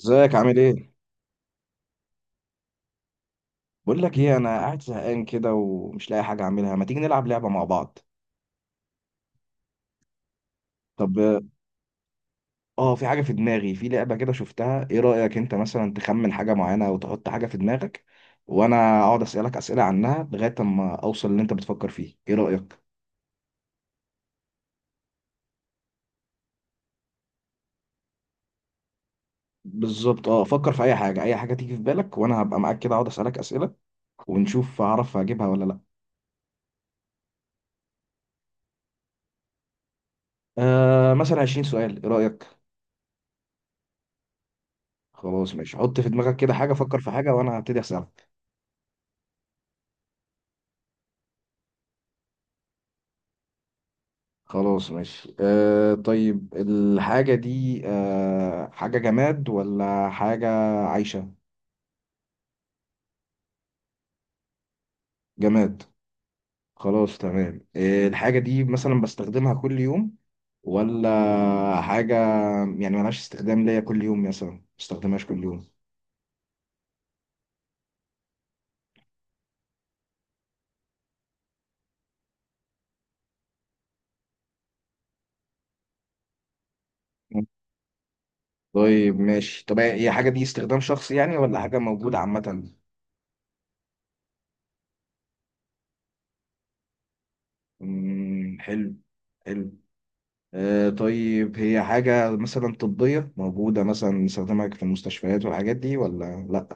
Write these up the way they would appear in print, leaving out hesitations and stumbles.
ازيك عامل ايه؟ بقول لك ايه، انا قاعد زهقان كده ومش لاقي حاجه اعملها. ما تيجي نلعب لعبه مع بعض. طب اه في حاجه في دماغي، في لعبه كده شفتها. ايه رايك انت مثلا تخمن حاجه معينه او تحط حاجه في دماغك، وانا اقعد اسالك اسئله عنها لغايه اما اوصل اللي انت بتفكر فيه. ايه رايك؟ بالظبط. اه فكر في اي حاجه، اي حاجه تيجي في بالك، وانا هبقى معاك كده اقعد اسالك اسئله، ونشوف هعرف اجيبها ولا لا. مثلا 20 سؤال، ايه رايك؟ خلاص ماشي، حط في دماغك كده حاجه، فكر في حاجه وانا هبتدي اسالك. خلاص ماشي. طيب الحاجة دي، حاجة جماد ولا حاجة عايشة؟ جماد. خلاص تمام. الحاجة دي مثلا بستخدمها كل يوم، ولا حاجة يعني ملهاش استخدام ليا كل يوم، مثلا ما بستخدمهاش كل يوم؟ طيب ماشي. طب هي حاجة دي استخدام شخصي يعني، ولا حاجة موجودة عامة؟ حلو. حلو. طيب هي حاجة مثلا طبية، موجودة مثلا نستخدمها في المستشفيات والحاجات دي، ولا لأ؟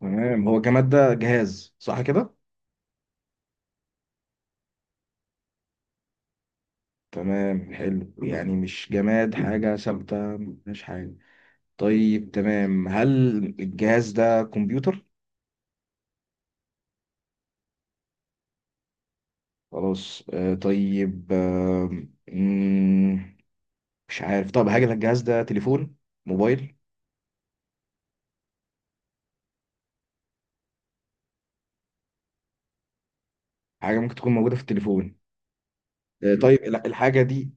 تمام. هو الجماد ده جهاز صح كده؟ تمام حلو، يعني مش جماد حاجة ثابتة، مش حاجة. طيب تمام، هل الجهاز ده كمبيوتر؟ خلاص طيب مم، مش عارف. طب هل الجهاز ده تليفون، موبايل؟ حاجة ممكن تكون موجودة في التليفون. طيب الحاجة دي،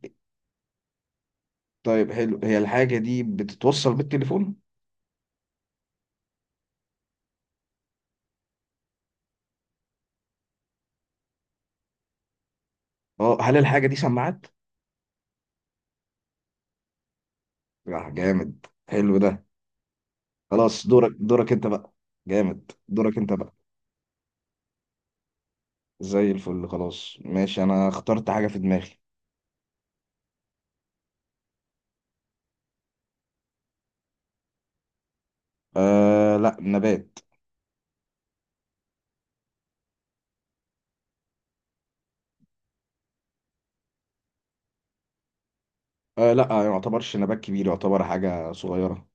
طيب حلو، هي الحاجة دي بتتوصل بالتليفون؟ اه، هل الحاجة دي سماعات؟ لا جامد، حلو ده. خلاص دورك انت بقى. جامد، دورك انت بقى. زي الفل. خلاص ماشي، انا اخترت حاجة في دماغي. آه لا، نبات. آه لا، ما يعتبرش نبات كبير، يعتبر حاجة صغيرة.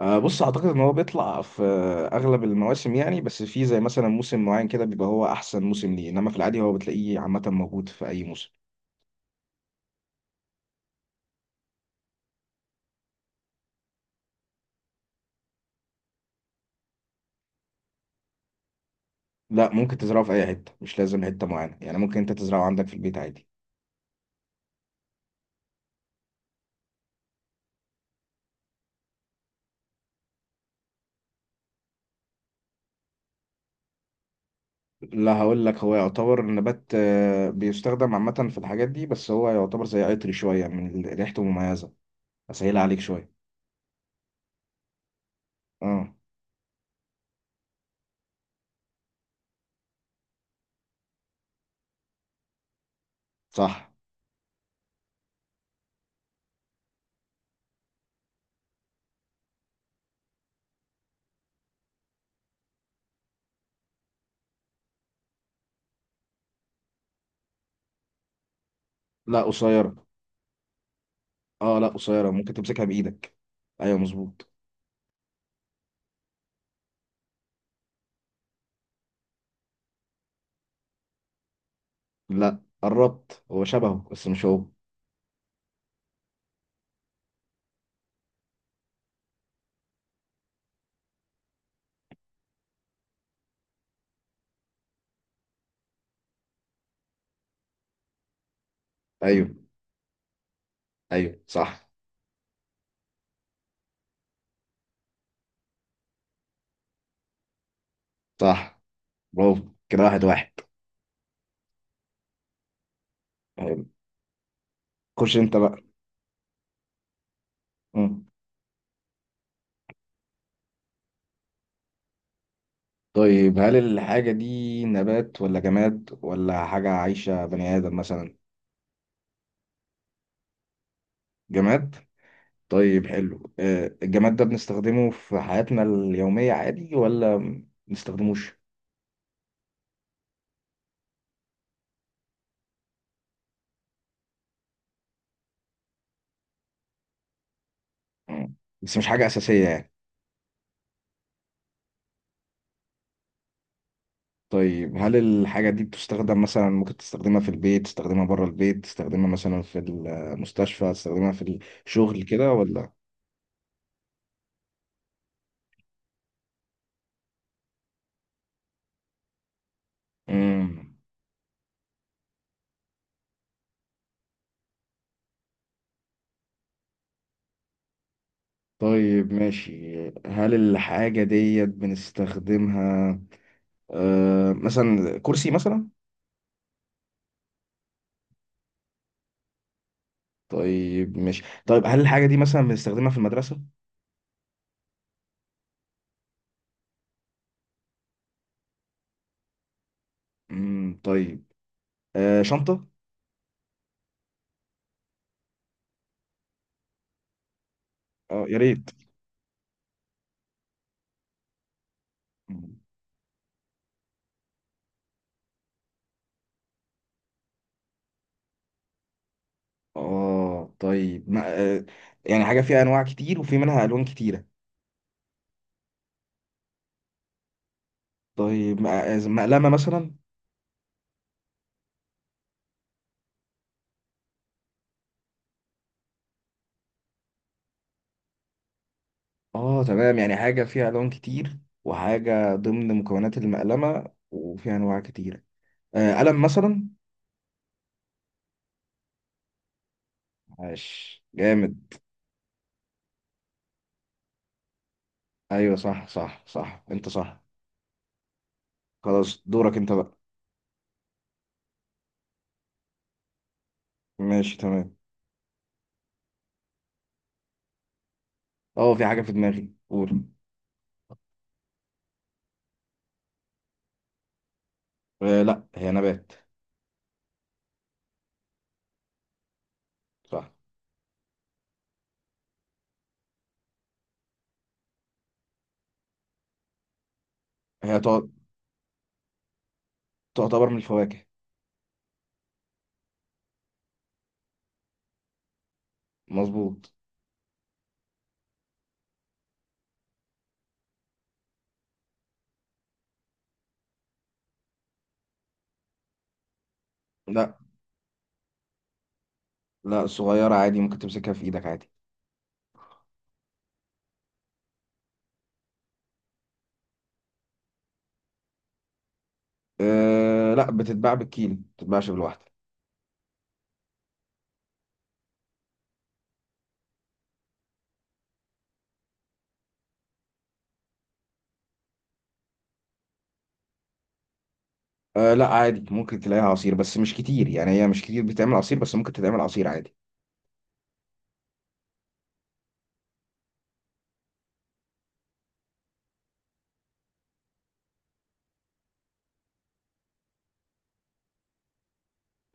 بص، اعتقد ان هو بيطلع في اغلب المواسم يعني، بس في زي مثلا موسم معين كده بيبقى هو احسن موسم ليه، انما في العادي هو بتلاقيه عامة موجود في اي موسم. لا ممكن تزرعه في اي حتة، مش لازم حتة معينة يعني، ممكن انت تزرعه عندك في البيت عادي. لا هقول لك، هو يعتبر النبات بيستخدم عامة في الحاجات دي، بس هو يعتبر زي عطري شوية، من ريحته مميزة. أسهلها عليك شوية. اه صح. لا قصيرة. اه لا قصيرة، ممكن تمسكها بإيدك. أيوه مظبوط. لا قربت، هو شبهه بس مش هو. أيوه. أيوه صح صح. برافو، كده واحد واحد. أيوة. خش أنت بقى. مم. طيب هل الحاجة دي نبات ولا جماد، ولا حاجة عايشة بني آدم مثلا؟ جماد. طيب حلو. الجماد ده بنستخدمه في حياتنا اليومية عادي، ولا ما بنستخدموش؟ مم. بس مش حاجة أساسية يعني؟ طيب هل الحاجة دي بتستخدم مثلا، ممكن تستخدمها في البيت، تستخدمها بره البيت، تستخدمها مثلا في المستشفى، تستخدمها في الشغل كده ولا؟ مم. طيب ماشي. هل الحاجة ديت بنستخدمها مثلا كرسي مثلا؟ طيب ماشي. طيب هل الحاجة دي مثلا بنستخدمها في المدرسة؟ مم. طيب، شنطة؟ اه يا ريت. اه طيب، ما آه، يعني حاجة فيها أنواع كتير وفي منها ألوان كتيرة. طيب مقلمة مثلا؟ اه تمام، يعني حاجة فيها ألوان كتير، وحاجة ضمن مكونات المقلمة وفيها أنواع كتيرة. قلم مثلا؟ عاش جامد. أيوة صح صح صح، أنت صح. خلاص دورك أنت بقى. ماشي تمام. اه في حاجة في دماغي، قول. آه لا، هي نبات. صح. هي تعت- تعتبر من الفواكه. مظبوط. لا. لا صغيرة عادي، ممكن تمسكها في ايدك عادي. أه لا، بتتباع بالكيلو، ما بتتباعش بالواحدة. أه لا عادي، ممكن تلاقيها عصير بس مش كتير، يعني هي مش كتير بتعمل عصير، بس ممكن تتعمل عصير عادي.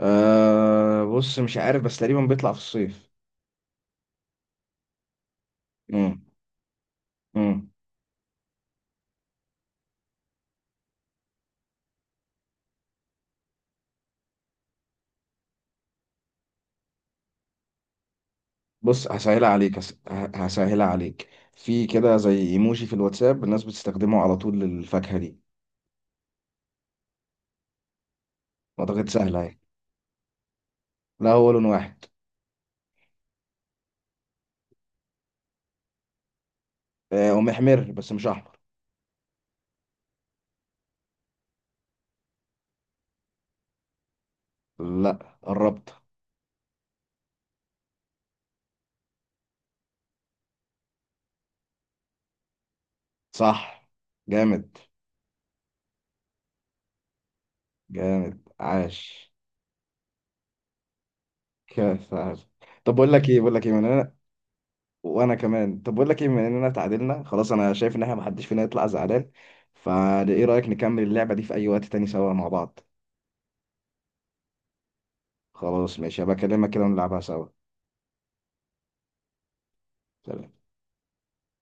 أه بص، مش عارف، بس تقريبا بيطلع في الصيف. مم. مم. بص هسهلها عليك، هسهلها عليك. في كده زي ايموجي في الواتساب الناس بتستخدمه على طول للفاكهة دي. اعتقد سهلة اهي. لا هو لون واحد. أه ومحمر بس مش احمر. لا قربت. صح. جامد. جامد عاش. كيف عاش. طب بقول لك ايه، بقول لك ايه من انا وانا كمان. طب بقول لك ايه، من اننا اتعادلنا خلاص، انا شايف ان احنا محدش فينا يطلع زعلان، فايه رايك نكمل اللعبه دي في اي وقت تاني سوا مع بعض؟ خلاص ماشي، هبقى اكلمك كده ونلعبها سوا. سلام.